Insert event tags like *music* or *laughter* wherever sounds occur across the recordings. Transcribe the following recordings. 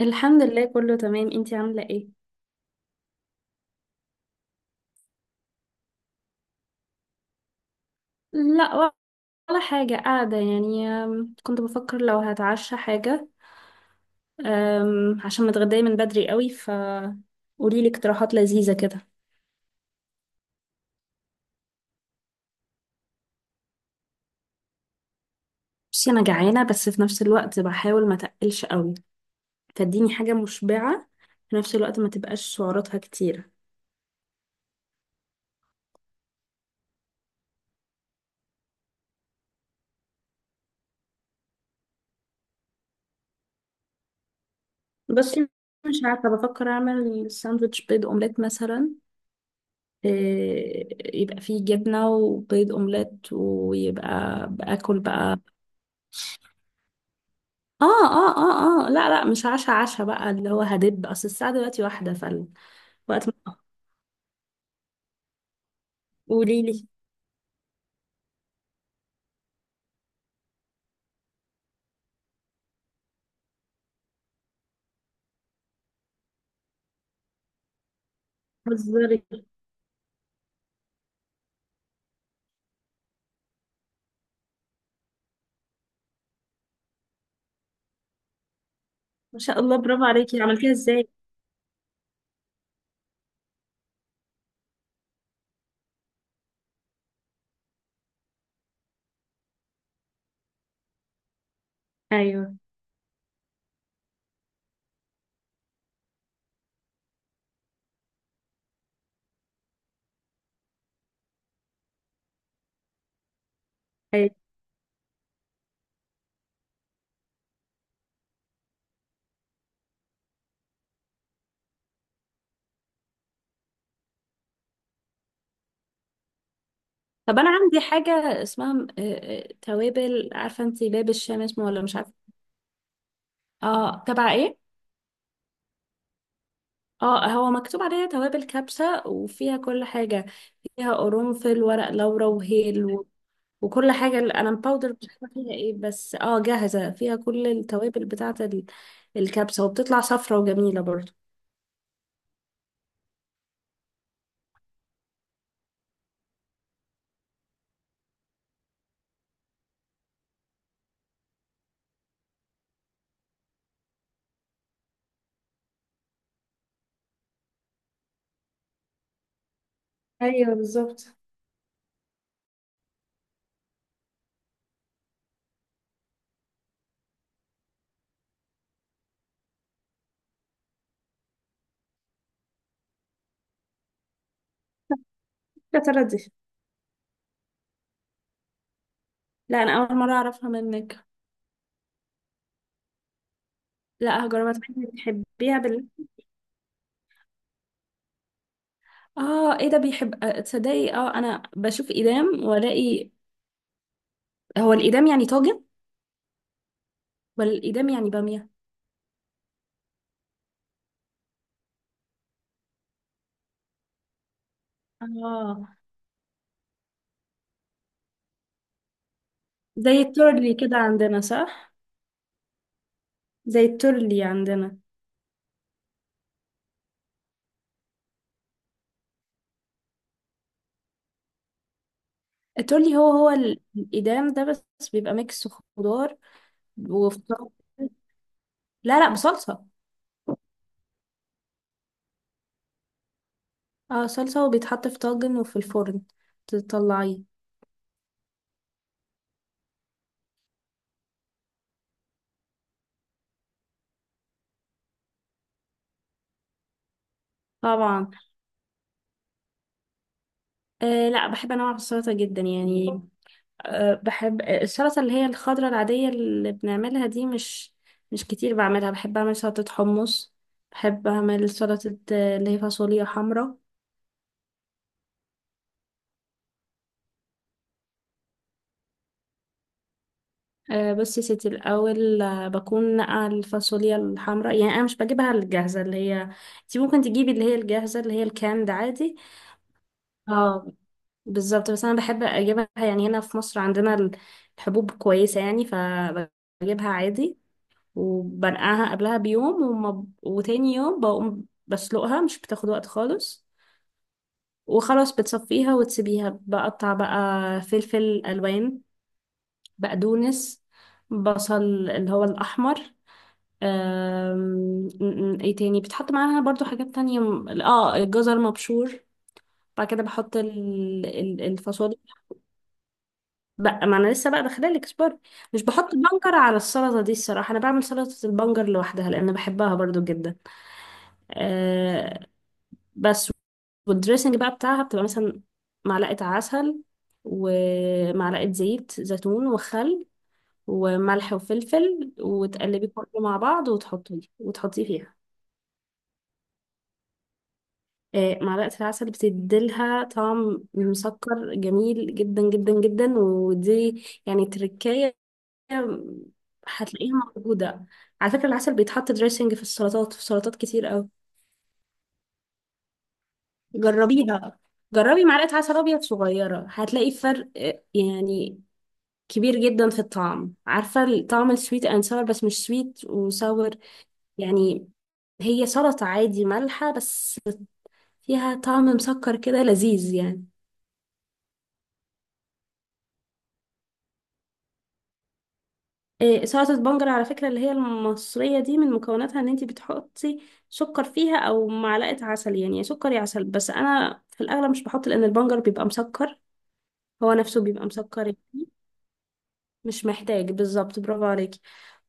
الحمد لله، كله تمام. انتي عاملة ايه؟ لا، ولا حاجة، قاعدة يعني. كنت بفكر لو هتعشى حاجة. عشان متغدية من بدري قوي، ف قوليلي اقتراحات لذيذة كده. بصي، انا جعانة، بس في نفس الوقت بحاول ما تقلش قوي، فاديني حاجة مشبعة في نفس الوقت ما تبقاش سعراتها كتيرة. بس مش عارفة، بفكر اعمل ساندوتش بيض اومليت مثلا. يبقى فيه جبنة وبيض اومليت ويبقى باكل بقى. اه اه اه اه، لا لا، مش عشا عشا بقى اللي هو هدب، اصل الساعة دلوقتي واحدة فالوقت. ما قولي لي. بتهزري! ما شاء الله، برافو عليكي، عملتيها ازاي؟ ايوه. ايوه، طب انا عندي حاجة اسمها توابل، عارفة انتي باب الشام اسمه، ولا مش عارفة؟ اه، تبع ايه؟ اه، هو مكتوب عليها توابل كبسة وفيها كل حاجة، فيها قرنفل ورق لورا وهيل وكل حاجة. أنا باودر مش عارفة فيها إيه، بس اه جاهزة فيها كل التوابل بتاعة الكبسة، وبتطلع صفرة وجميلة برضو. ايوه بالظبط. يا ترى دي؟ لا، أنا أول مرة أعرفها منك. لا هجربها. بتحبيها بال اه ايه ده بيحب. تصدقي اه، أنا بشوف إيدام وألاقي، هو الإيدام يعني طاجن ولا الإيدام يعني بامية؟ اه. زي التورلي كده عندنا، صح؟ زي التورلي عندنا. التورلي هو هو الإيدام ده، بس بيبقى ميكس خضار وفطار. لا لا، بصلصة. اه، صلصة وبيتحط في طاجن وفي الفرن تطلعيه. طبعا. آه لا، بحب انواع السلطة جدا يعني. آه بحب السلطة اللي هي الخضرة العادية اللي بنعملها دي، مش مش كتير بعملها. بحب اعمل سلطة حمص، بحب اعمل سلطة اللي هي فاصوليا حمراء. آه، بس يا ستي الأول بكون نقع الفاصوليا الحمراء. يعني أنا مش بجيبها الجاهزة اللي هي، انتي ممكن تجيبي اللي هي الجاهزة اللي هي الكاند عادي. اه بالظبط، بس انا بحب اجيبها يعني هنا في مصر عندنا الحبوب كويسة يعني، فبجيبها عادي. وبنقعها قبلها بيوم، وتاني يوم بقوم بسلقها، مش بتاخد وقت خالص. وخلاص بتصفيها وتسيبيها بقطع بقى، فلفل الوان، بقدونس، بصل اللي هو الاحمر. أم... ايه تاني بتحط معاها برضو حاجات تانية؟ اه، الجزر مبشور. بعد كده بحط الفاصوليا بقى. ما انا لسه بقى داخله لك، اصبري. مش بحط بنجر على السلطه دي الصراحه، انا بعمل سلطه البنجر لوحدها لان بحبها برضو جدا. أه. بس والدريسنج بقى بتاعها بتبقى مثلا معلقه عسل ومعلقه زيت زيتون وخل وملح وفلفل، وتقلبي كله مع بعض وتحطيه فيها. أه، معلقه العسل بتديلها طعم مسكر جميل جدا جدا جدا، ودي يعني تركاية هتلاقيها موجودة. على فكرة العسل بيتحط دريسنج في السلطات، في سلطات كتير أوي. جربيها، جربي معلقة عسل أبيض صغيرة هتلاقي فرق يعني كبير جدا في الطعم. عارفة طعم السويت أند ساور؟ بس مش سويت وساور يعني، هي سلطة عادي مالحة، بس فيها طعم مسكر كده لذيذ يعني. سلطة بنجر على فكرة اللي هي المصرية دي، من مكوناتها ان انتي بتحطي سكر فيها او معلقة عسل، يعني يا سكر يا عسل. بس انا في الاغلب مش بحط لان البنجر بيبقى مسكر هو نفسه بيبقى مسكر يعني. مش محتاج بالظبط، برافو عليكي.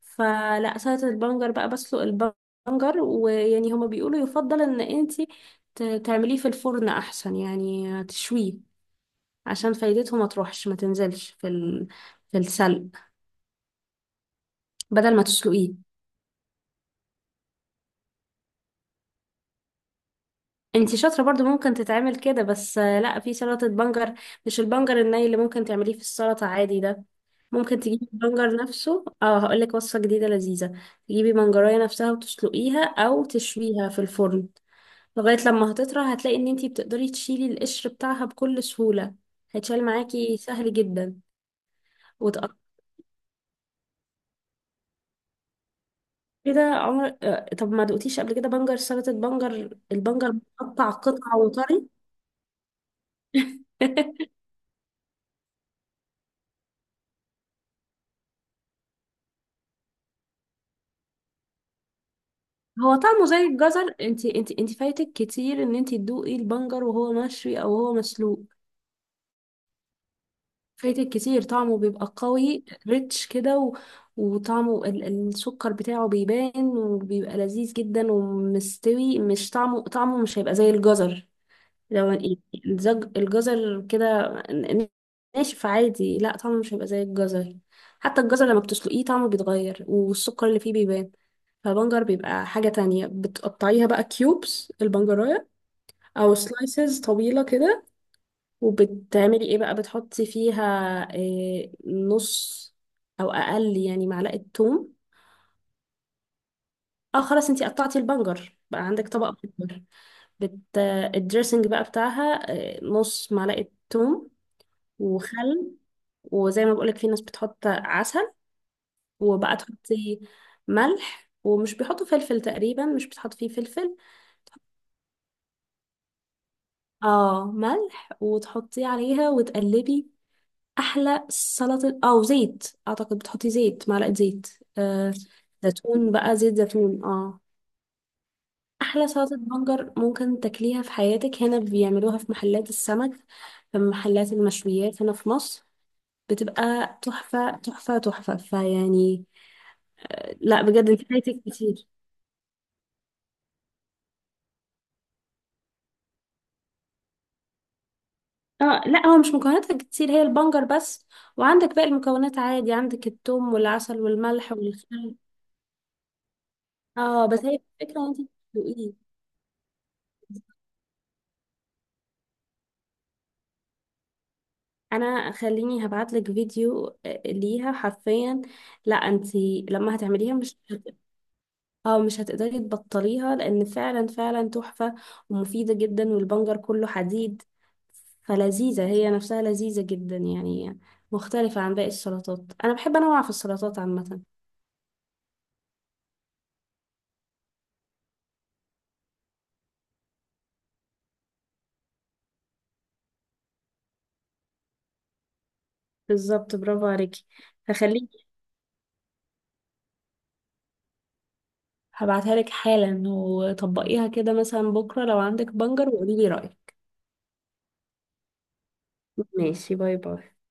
فلا، سلطة البنجر بقى، بسلق البنجر، ويعني هما بيقولوا يفضل ان انتي تعمليه في الفرن احسن، يعني تشويه، عشان فايدته ما تروحش ما تنزلش في السلق. بدل ما تسلقيه. انتي شاطرة برضو، ممكن تتعمل كده، بس لا، في سلطة بنجر مش البنجر الني اللي ممكن تعمليه في السلطة عادي ده. ممكن تجيبي البنجر نفسه، اه هقولك وصفة جديدة لذيذة، تجيبي بنجراية نفسها وتسلقيها او تشويها في الفرن، لغاية لما هتطرى هتلاقي ان انتي بتقدري تشيلي القشر بتاعها بكل سهولة، هيتشال معاكي سهل جدا وتقطعي. كده عمر. طب ما دقتيش قبل كده بنجر، سلطة بنجر، البنجر مقطع قطع وطري؟ *laughs* هو طعمه زي الجزر؟ انت فايتك كتير ان انت تدوقي البنجر وهو مشوي او هو مسلوق. فايتك كتير، طعمه بيبقى قوي، ريتش كده، وطعمه السكر بتاعه بيبان وبيبقى لذيذ جدا ومستوي. مش طعمه، طعمه مش هيبقى زي الجزر. لو الجزر كده ناشف عادي، لا طعمه مش هيبقى زي الجزر. حتى الجزر لما بتسلقيه طعمه بيتغير والسكر اللي فيه بيبان، فالبنجر بيبقى حاجة تانية. بتقطعيها بقى كيوبس البنجراية، أو سلايسز طويلة كده. وبتعملي إيه بقى؟ بتحطي فيها إيه؟ نص أو أقل يعني معلقة توم. اه خلاص، انتي قطعتي البنجر بقى عندك طبق بنجر، بت... الدريسنج بقى بتاعها، نص معلقة توم وخل. وزي ما بقولك، في ناس بتحط عسل. وبقى تحطي ملح، ومش بيحطوا فلفل تقريبا، مش بتحط فيه فلفل. اه ملح، وتحطيه عليها وتقلبي، احلى سلطة. او زيت، اعتقد بتحطي زيت، معلقة زيت آه زيتون بقى، زيت زيتون اه. احلى سلطة بنجر ممكن تاكليها في حياتك. هنا بيعملوها في محلات السمك، في محلات المشويات هنا في مصر، بتبقى تحفة تحفة تحفة، فيعني. لا بجد، انت فايتك كتير. اه لا، هو مش مكوناتها كتير، هي البنجر بس، وعندك باقي المكونات عادي، عندك الثوم والعسل والملح والخل. اه بس هي الفكرة انت تدوقيه. انا خليني هبعتلك فيديو ليها حرفيا. لا انت لما هتعمليها مش هت... اه مش هتقدري تبطليها، لان فعلا فعلا تحفة، ومفيدة جدا، والبنجر كله حديد. فلذيذة هي نفسها لذيذة جدا يعني، مختلفة عن باقي السلطات. انا بحب انوع في السلطات عامة. بالظبط، برافو عليكي. هخليكي، هبعتها لك حالا، وطبقيها كده مثلا بكرة لو عندك بنجر، وقولي لي رأيك. ماشي، باي باي.